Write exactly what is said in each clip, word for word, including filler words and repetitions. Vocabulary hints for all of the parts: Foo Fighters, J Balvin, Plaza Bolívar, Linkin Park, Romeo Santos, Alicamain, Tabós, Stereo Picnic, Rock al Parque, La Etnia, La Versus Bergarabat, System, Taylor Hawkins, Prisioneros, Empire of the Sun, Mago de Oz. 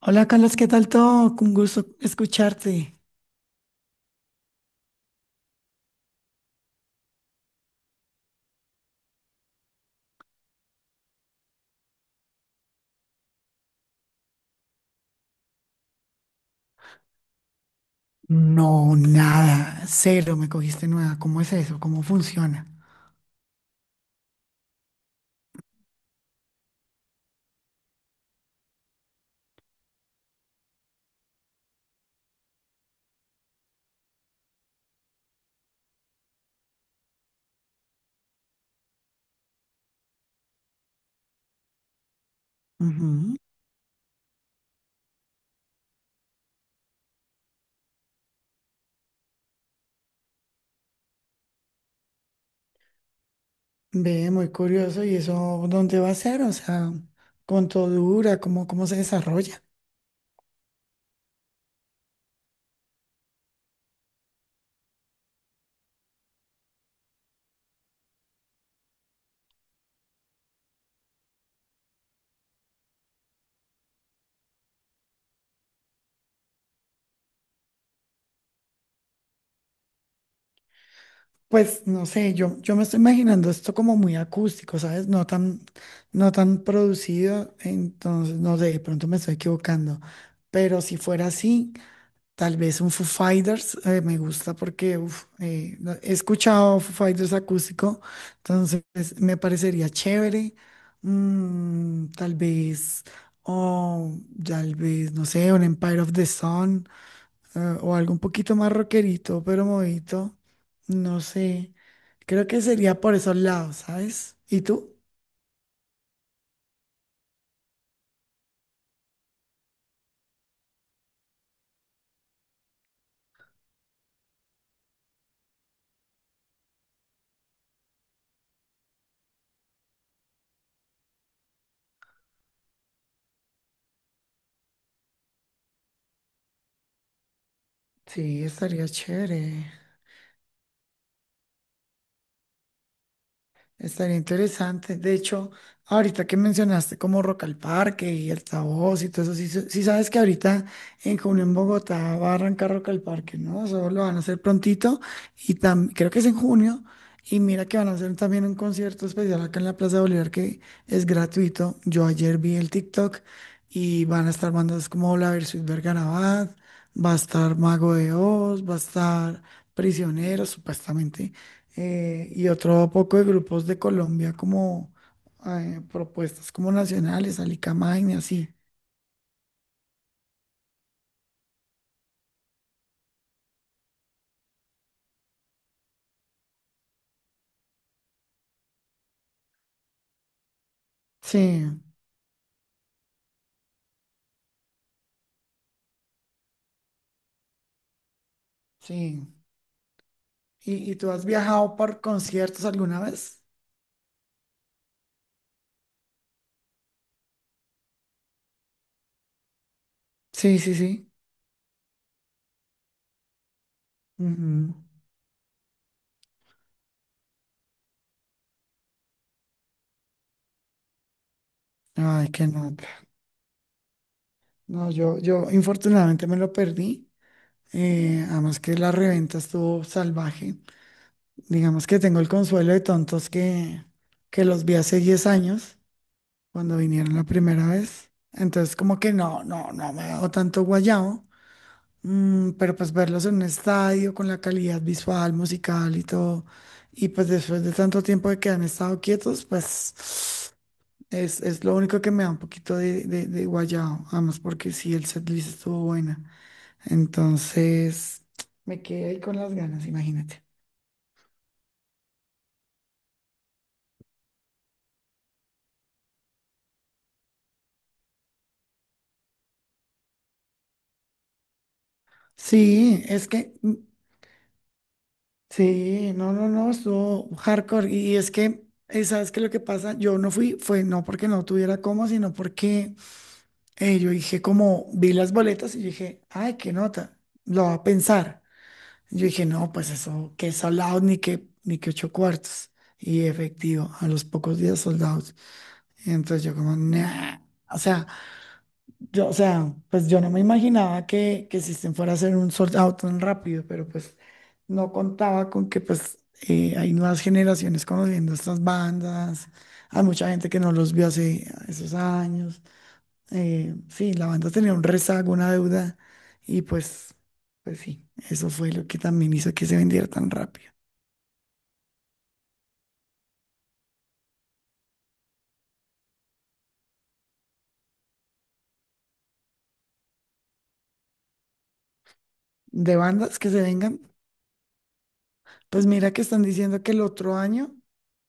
Hola Carlos, ¿qué tal todo? Un gusto escucharte. No, nada, cero, me cogiste nueva. ¿Cómo es eso? ¿Cómo funciona? Ujú. Ve, muy curioso. ¿Y eso dónde va a ser? O sea, ¿cuánto dura? ¿Cómo, cómo se desarrolla? Pues no sé, yo, yo me estoy imaginando esto como muy acústico, ¿sabes? No tan, no tan producido, entonces no sé, de pronto me estoy equivocando. Pero si fuera así, tal vez un Foo Fighters eh, me gusta porque uf, eh, no- he escuchado Foo Fighters acústico, entonces me parecería chévere. Mm, tal vez, o tal vez, no sé, un Empire of the Sun ah, o algo un poquito más rockerito, pero movidito, no sé. Creo que sería por esos lados, ¿sabes? ¿Y tú? Sí, estaría chévere. Estaría interesante. De hecho, ahorita que mencionaste como Rock al Parque y el Tabós y todo eso, sí, sí sabes que ahorita en junio en Bogotá va a arrancar Rock al Parque, ¿no? Eso lo van a hacer prontito y tam- creo que es en junio. Y mira que van a hacer también un concierto especial acá en la Plaza Bolívar que es gratuito. Yo ayer vi el TikTok y van a estar bandas como La Versus Bergarabat, va a estar Mago de Oz, va a estar Prisioneros, supuestamente eh, y otro poco de grupos de Colombia como eh, propuestas como nacionales, Alicamain y así. Sí, sí. ¿Y, y tú has viajado por conciertos alguna vez? Sí, sí, sí. Ujú. Ay, qué nota. No, yo, yo infortunadamente me lo perdí. Eh, además que la reventa estuvo salvaje. Digamos que tengo el consuelo de tontos que, que los vi hace diez años cuando vinieron la primera vez. Entonces, como que no, no, no me hago tanto guayao. Mm, pero pues verlos en un estadio con la calidad visual, musical y todo. Y pues después de tanto tiempo de que han estado quietos, pues es, es lo único que me da un poquito de, de, de guayao. Además, porque sí, el setlist estuvo buena. Entonces, me quedé ahí con las ganas, imagínate. Sí, es que mm, sí, no, no, no, estuvo hardcore. Y es que, eh, ¿sabes qué? Lo que pasa, yo no fui, fue no porque no tuviera cómo, sino porque eh, yo dije, como vi las boletas y yo dije, ay, qué nota, lo va a pensar. Yo dije, no, pues eso, que soldados ni que, ni que ocho cuartos. Y efectivo, a los pocos días soldados. Entonces yo, como, nah. O sea, yo, o sea, pues yo no me imaginaba que, que System fuera a hacer un sold out tan rápido, pero pues no contaba con que pues eh, hay nuevas generaciones conociendo estas bandas, hay mucha gente que no los vio hace esos años. Eh, sí, la banda tenía un rezago, una deuda, y pues, pues sí, eso fue lo que también hizo que se vendiera tan rápido. De bandas que se vengan, pues mira que están diciendo que el otro año,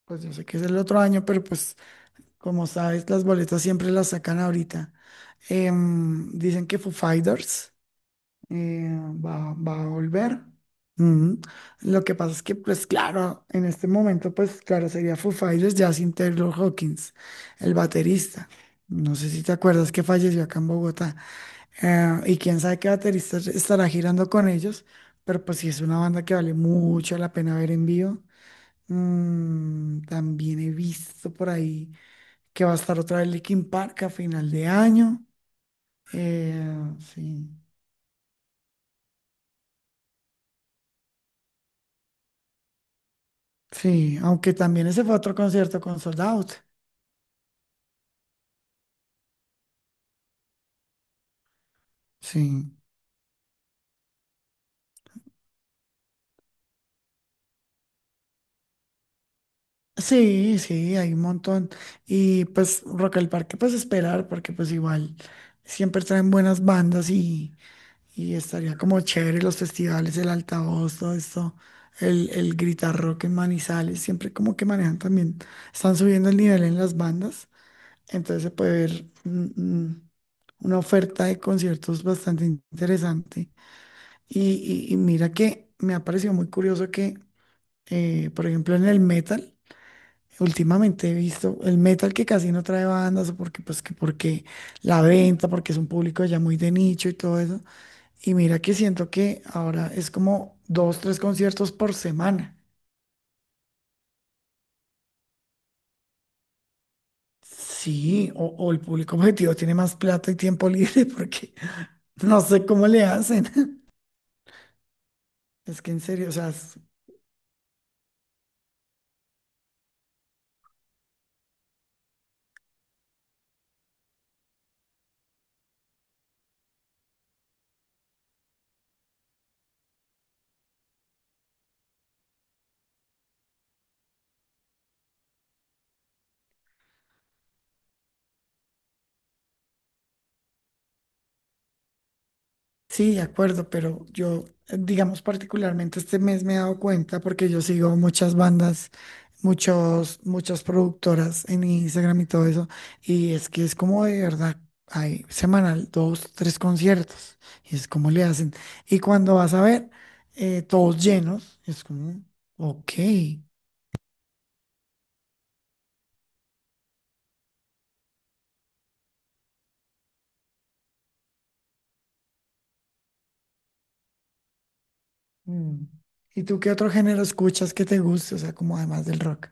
pues yo sé que es el otro año, pero pues como sabes, las boletas siempre las sacan ahorita. Em, dicen que Foo Fighters eh, va, va a volver. Mm. Lo que pasa es que, pues claro, en este momento, pues claro, sería Foo Fighters ya sin Taylor Hawkins, el baterista. No sé si te acuerdas que falleció acá en Bogotá. Eh, y quién sabe qué baterista estará girando con ellos, pero pues sí es una banda que vale mucho la pena ver en vivo. Mm, también he visto por ahí que va a estar otra vez Linkin Park a final de año. Eh, sí, sí, aunque también ese fue otro concierto con Sold Out. Sí, sí, sí, hay un montón. Y pues Rock al Parque, pues esperar, porque pues igual siempre traen buenas bandas y, y estaría como chévere los festivales, el altavoz, todo esto. El, el gritar rock en Manizales, siempre como que manejan también, están subiendo el nivel en las bandas. Entonces se puede ver mm, mm, una oferta de conciertos bastante interesante. Y, y- y mira que me ha parecido muy curioso que, eh, por ejemplo, en el metal, últimamente he visto el metal que casi no trae bandas, o porque, pues, que porque la venta, porque es un público ya muy de nicho y todo eso. Y mira que siento que ahora es como dos, tres conciertos por semana. Sí, o, o el público objetivo tiene más plata y tiempo libre porque no sé cómo le hacen. Es que en serio, o sea, s- sí, de acuerdo, pero yo, eh, digamos, particularmente este mes me he dado cuenta porque yo sigo muchas bandas, muchos, muchas productoras en Instagram y todo eso, y es que es como de verdad, hay semanal dos, tres conciertos, y es como le hacen. Y cuando vas a ver, eh, todos llenos, es como, ok. Mm. ¿Y tú qué otro género escuchas que te guste? O sea, como además del rock.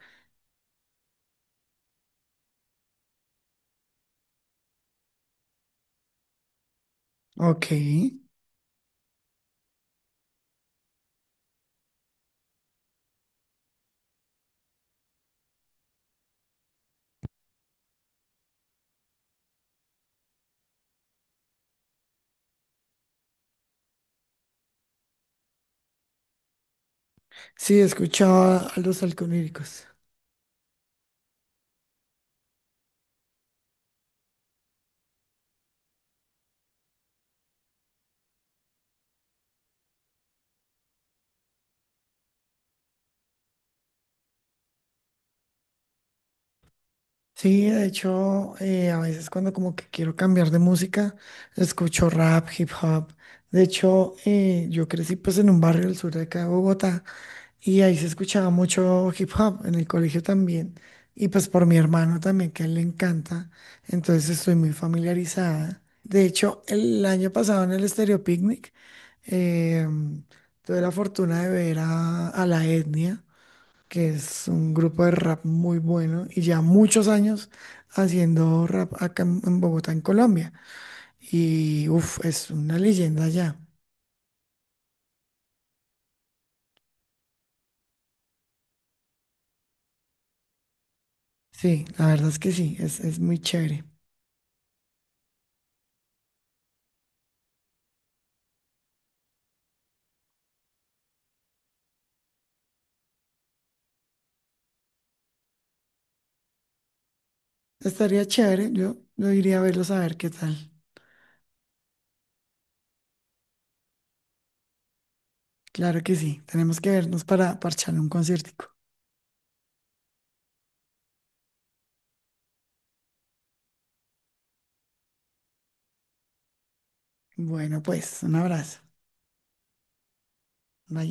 Ok. Sí, escuchaba a los alcohólicos. Sí, de hecho, eh, a veces cuando como que quiero cambiar de música, escucho rap, hip hop. De hecho, eh, yo crecí pues en un barrio del sur de acá de Bogotá y ahí se escuchaba mucho hip hop, en el colegio también. Y pues por mi hermano también, que a él le encanta. Entonces estoy muy familiarizada. De hecho, el año pasado en el Stereo Picnic, em, tuve la fortuna de ver a, a, La Etnia que es un grupo de rap muy bueno y ya muchos años haciendo rap acá en en Bogotá, en Colombia. Y uff, es una leyenda ya. Sí, la verdad es que sí, es, es muy chévere. Estaría chévere, yo, yo iría a verlos a ver qué tal. Claro que sí, tenemos que vernos para parchar un conciertico. Bueno, pues, un abrazo. Bye.